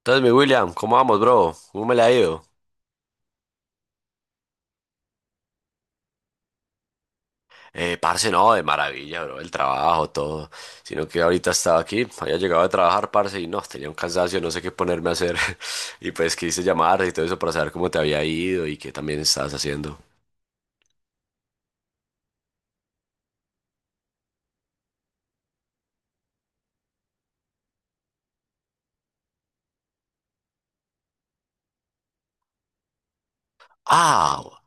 Entonces, mi William, ¿cómo vamos, bro? ¿Cómo me la ha ido? Parce, no, de maravilla, bro, el trabajo, todo. Sino que ahorita estaba aquí, había llegado a trabajar, parce, y no, tenía un cansancio, no sé qué ponerme a hacer. Y pues quise llamar y todo eso para saber cómo te había ido y qué también estabas haciendo. Ah,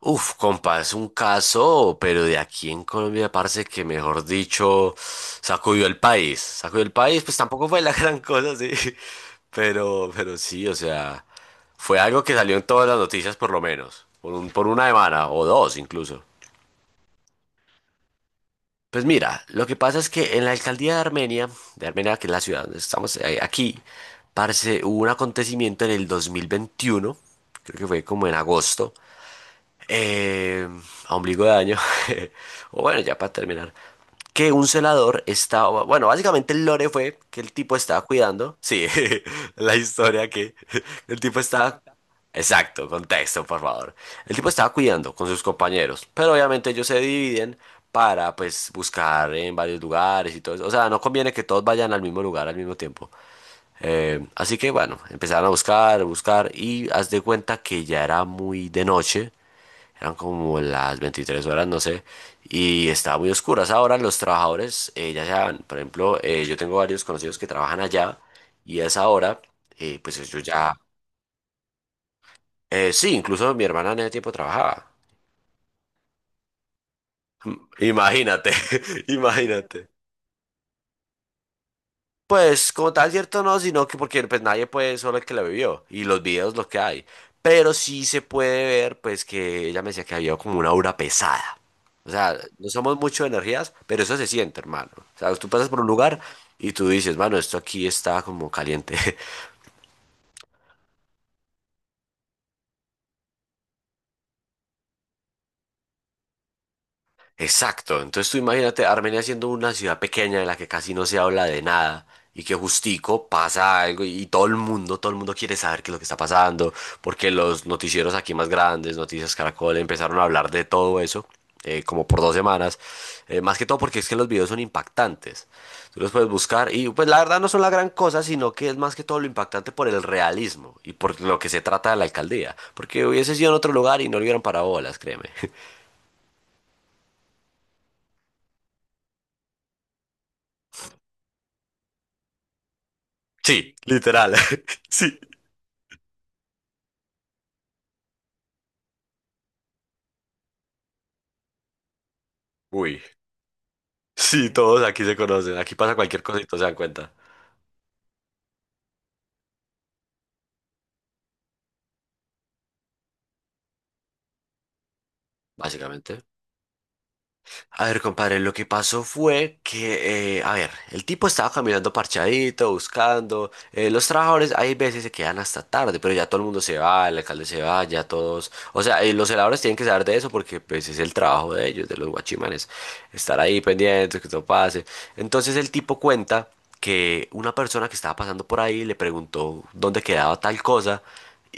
uf, compa, es un caso, pero de aquí en Colombia parece que, mejor dicho, sacudió el país. Sacudió el país, pues tampoco fue la gran cosa, sí. Pero sí, o sea, fue algo que salió en todas las noticias por lo menos, por un, por una semana o dos incluso. Pues mira, lo que pasa es que en la alcaldía de Armenia, que es la ciudad donde estamos aquí, parce, hubo un acontecimiento en el 2021, creo que fue como en agosto, Eh, a ombligo de año. O bueno, ya para terminar. Que un celador estaba. Bueno, básicamente el lore fue que el tipo estaba cuidando. Sí, la historia que el tipo estaba. Exacto, contexto, por favor. El tipo estaba cuidando con sus compañeros, pero obviamente ellos se dividen para pues buscar en varios lugares y todo eso. O sea, no conviene que todos vayan al mismo lugar al mismo tiempo. Así que bueno, empezaron a buscar y haz de cuenta que ya era muy de noche, eran como las 23 horas, no sé, y estaba muy oscuras. Ahora los trabajadores, ya saben, por ejemplo, yo tengo varios conocidos que trabajan allá y a esa hora, pues ellos ya... sí, incluso mi hermana en ese tiempo trabajaba. Imagínate, imagínate. Pues como tal, cierto no, sino que porque pues nadie puede, solo el que la vivió y los videos lo que hay. Pero sí se puede ver pues que ella me decía que había como una aura pesada. O sea, no somos mucho de energías, pero eso se siente, hermano. O sea, tú pasas por un lugar y tú dices, mano, esto aquí está como caliente. Exacto, entonces tú imagínate Armenia siendo una ciudad pequeña en la que casi no se habla de nada y que justico pasa algo y todo el mundo quiere saber qué es lo que está pasando, porque los noticieros aquí más grandes, Noticias Caracol, empezaron a hablar de todo eso como por dos semanas, más que todo porque es que los videos son impactantes, tú los puedes buscar y pues la verdad no son la gran cosa, sino que es más que todo lo impactante por el realismo y por lo que se trata de la alcaldía, porque hubiese sido en otro lugar y no le hubieran parado bolas, créeme. Sí, literal. Sí. Uy. Sí, todos aquí se conocen. Aquí pasa cualquier cosito, se dan cuenta. Básicamente. A ver, compadre, lo que pasó fue que, a ver, el tipo estaba caminando parchadito, buscando. Los trabajadores, hay veces se quedan hasta tarde, pero ya todo el mundo se va, el alcalde se va, ya todos. O sea, los celadores tienen que saber de eso porque, pues, es el trabajo de ellos, de los guachimanes, estar ahí pendientes, que todo pase. Entonces, el tipo cuenta que una persona que estaba pasando por ahí le preguntó dónde quedaba tal cosa.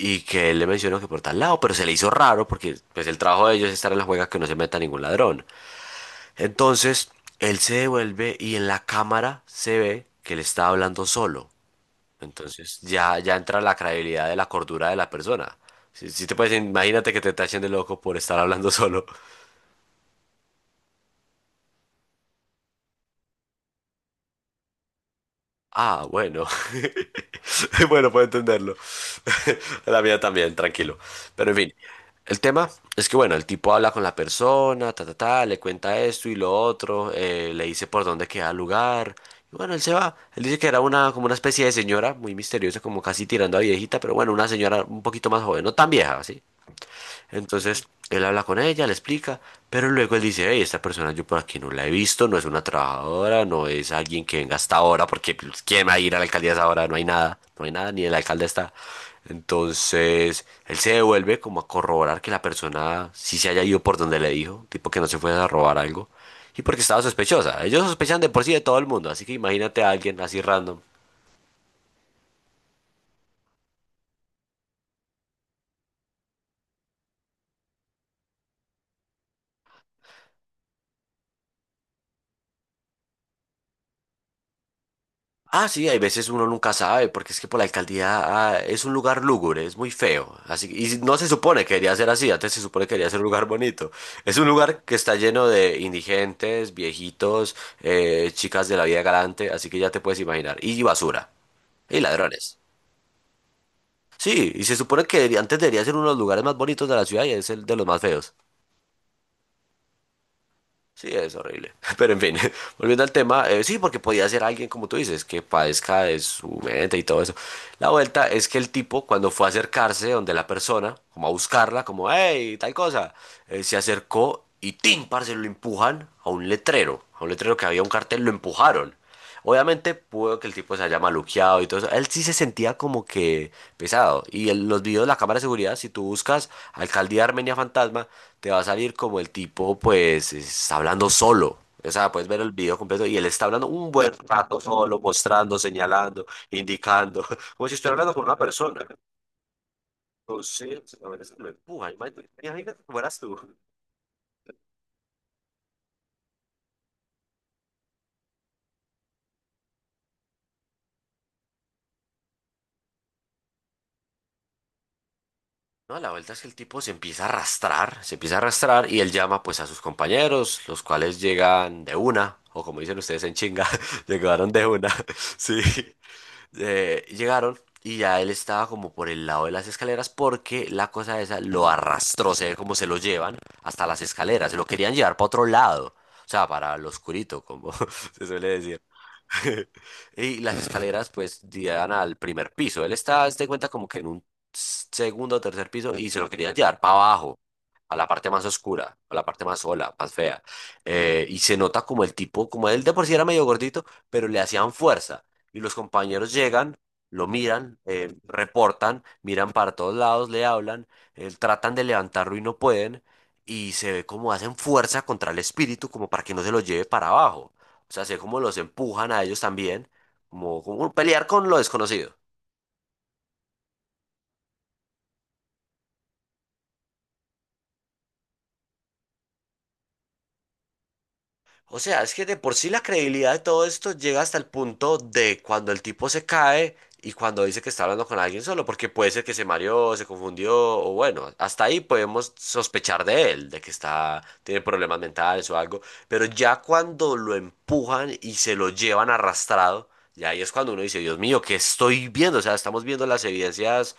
Y que él le mencionó que por tal lado, pero se le hizo raro porque pues el trabajo de ellos es estar en la juega que no se meta ningún ladrón. Entonces, él se devuelve y en la cámara se ve que él está hablando solo. Entonces, ya entra la credibilidad de la cordura de la persona. Si, si te puedes, imagínate que te tachen de loco por estar hablando solo. Ah, bueno. Bueno, puedo entenderlo. La mía también, tranquilo. Pero en fin, el tema es que, bueno, el tipo habla con la persona, ta, ta, ta, le cuenta esto y lo otro, le dice por dónde queda el lugar. Y bueno, él se va. Él dice que era una, como una especie de señora, muy misteriosa, como casi tirando a viejita, pero bueno, una señora un poquito más joven, no tan vieja, ¿sí? Entonces él habla con ella, le explica, pero luego él dice, hey, esta persona yo por aquí no la he visto, no es una trabajadora, no es alguien que venga hasta ahora, porque pues, ¿quién va a ir a la alcaldía a esa hora? No hay nada, no hay nada, ni el alcalde está. Entonces él se devuelve como a corroborar que la persona sí se haya ido por donde le dijo, tipo que no se fue a robar algo, y porque estaba sospechosa. Ellos sospechan de por sí de todo el mundo, así que imagínate a alguien así random. Ah, sí, hay veces uno nunca sabe, porque es que por la alcaldía ah, es un lugar lúgubre, es muy feo. Así, y no se supone que debería ser así, antes se supone que debería ser un lugar bonito. Es un lugar que está lleno de indigentes, viejitos, chicas de la vida galante, así que ya te puedes imaginar. Y basura, y ladrones. Sí, y se supone que debería- antes debería ser uno de los lugares más bonitos de la ciudad y es el de los más feos. Sí, es horrible. Pero en fin, volviendo al tema, sí, porque podía ser alguien, como tú dices, que padezca de su mente y todo eso. La vuelta es que el tipo, cuando fue a acercarse donde la persona, como a buscarla, como, hey, tal cosa, se acercó y ¡tim! Parce, lo empujan a un letrero que había un cartel, lo empujaron. Obviamente pudo que el tipo se haya maluqueado y todo eso. Él sí se sentía como que pesado. Y en los videos de la cámara de seguridad, si tú buscas Alcaldía Armenia Fantasma, te va a salir como el tipo, pues, está hablando solo. O sea, puedes ver el video completo y él está hablando un buen rato solo, mostrando, señalando, indicando, como si estuviera hablando con una persona. Entonces, a ver, eso me empuja. Imagínate imagínate cómo eras tú. No, a la vuelta es que el tipo se empieza a arrastrar, se empieza a arrastrar y él llama pues a sus compañeros, los cuales llegan de una, o como dicen ustedes en chinga, llegaron de una, sí. Llegaron y ya él estaba como por el lado de las escaleras porque la cosa esa lo arrastró, se ve como se lo llevan hasta las escaleras, se lo querían llevar para otro lado, o sea, para lo oscurito, como se suele decir. Y las escaleras pues llegan al primer piso. Él está, haz de cuenta, como que en un segundo o tercer piso y se lo quería llevar para abajo, a la parte más oscura, a la parte más sola, más fea. Y se nota como el tipo, como él de por sí era medio gordito, pero le hacían fuerza. Y los compañeros llegan, lo miran, reportan, miran para todos lados, le hablan, tratan de levantarlo y no pueden. Y se ve como hacen fuerza contra el espíritu, como para que no se lo lleve para abajo. O sea, sé cómo los empujan a ellos también, como pelear con lo desconocido. O sea, es que de por sí la credibilidad de todo esto llega hasta el punto de cuando el tipo se cae y cuando dice que está hablando con alguien solo, porque puede ser que se mareó, se confundió, o bueno, hasta ahí podemos sospechar de él, de que está, tiene problemas mentales o algo, pero ya cuando lo empujan y se lo llevan arrastrado, y ahí es cuando uno dice, Dios mío, ¿qué estoy viendo? O sea, estamos viendo las evidencias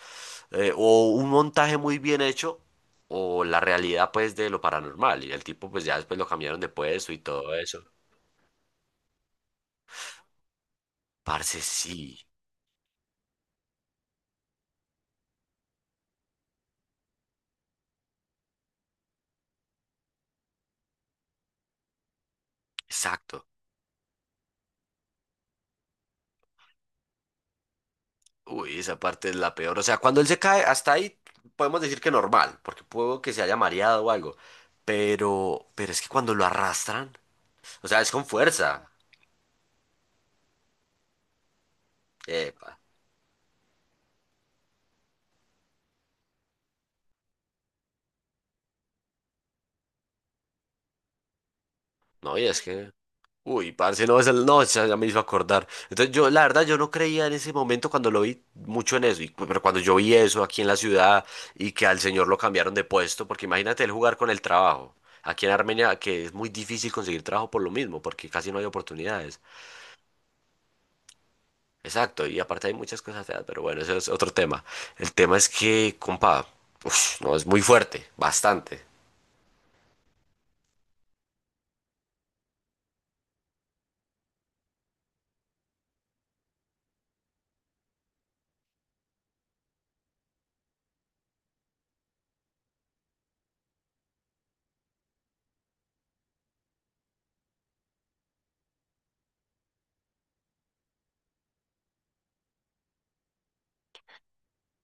o un montaje muy bien hecho o la realidad pues de lo paranormal. Y el tipo pues ya después lo cambiaron de puesto y todo eso. Parce, sí, exacto. Uy, esa parte es la peor. O sea, cuando él se cae, hasta ahí podemos decir que normal, porque puedo que se haya mareado o algo. Pero es que cuando lo arrastran, o sea, es con fuerza. Epa. No, y es que uy, parce, no, esa- no, esa ya me hizo acordar. Entonces, yo, la verdad, yo no creía en ese momento cuando lo vi mucho en eso, y, cu- pero cuando yo vi eso aquí en la ciudad y que al señor lo cambiaron de puesto, porque imagínate él jugar con el trabajo. Aquí en Armenia, que es muy difícil conseguir trabajo por lo mismo, porque casi no hay oportunidades. Exacto, y aparte hay muchas cosas feas, pero bueno, ese es otro tema. El tema es que, compa, uf, no, es muy fuerte, bastante.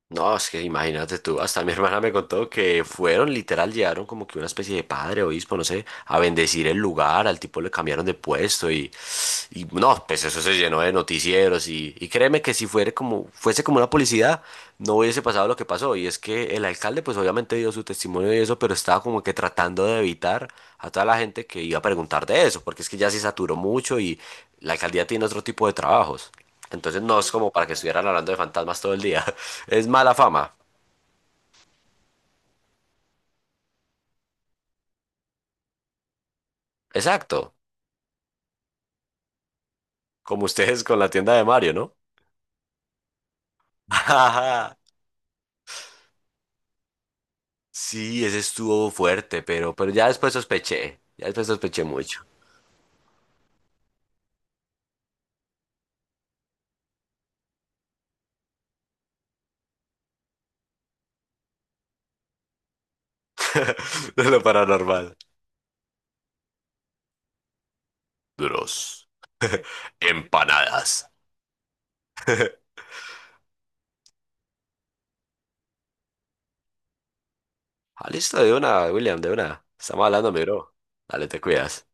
No, es que imagínate tú, hasta mi hermana me contó que fueron, literal, llegaron como que una especie de padre, obispo, no sé, a bendecir el lugar, al tipo le cambiaron de puesto y no, pues eso se llenó de noticieros y créeme que si fuera como, fuese como una publicidad, no hubiese pasado lo que pasó. Y es que el alcalde pues obviamente dio su testimonio y eso, pero estaba como que tratando de evitar a toda la gente que iba a preguntar de eso, porque es que ya se saturó mucho y la alcaldía tiene otro tipo de trabajos. Entonces no es como para que estuvieran hablando de fantasmas todo el día. Es mala fama. Exacto. Como ustedes con la tienda de Mario, ¿no? Ajá. Sí, ese estuvo fuerte, pero ya después sospeché. Ya después sospeché mucho. De lo paranormal. Bros. Empanadas. Listo, de una, William, de una. Estamos hablando, mi bro. Dale, te cuidas.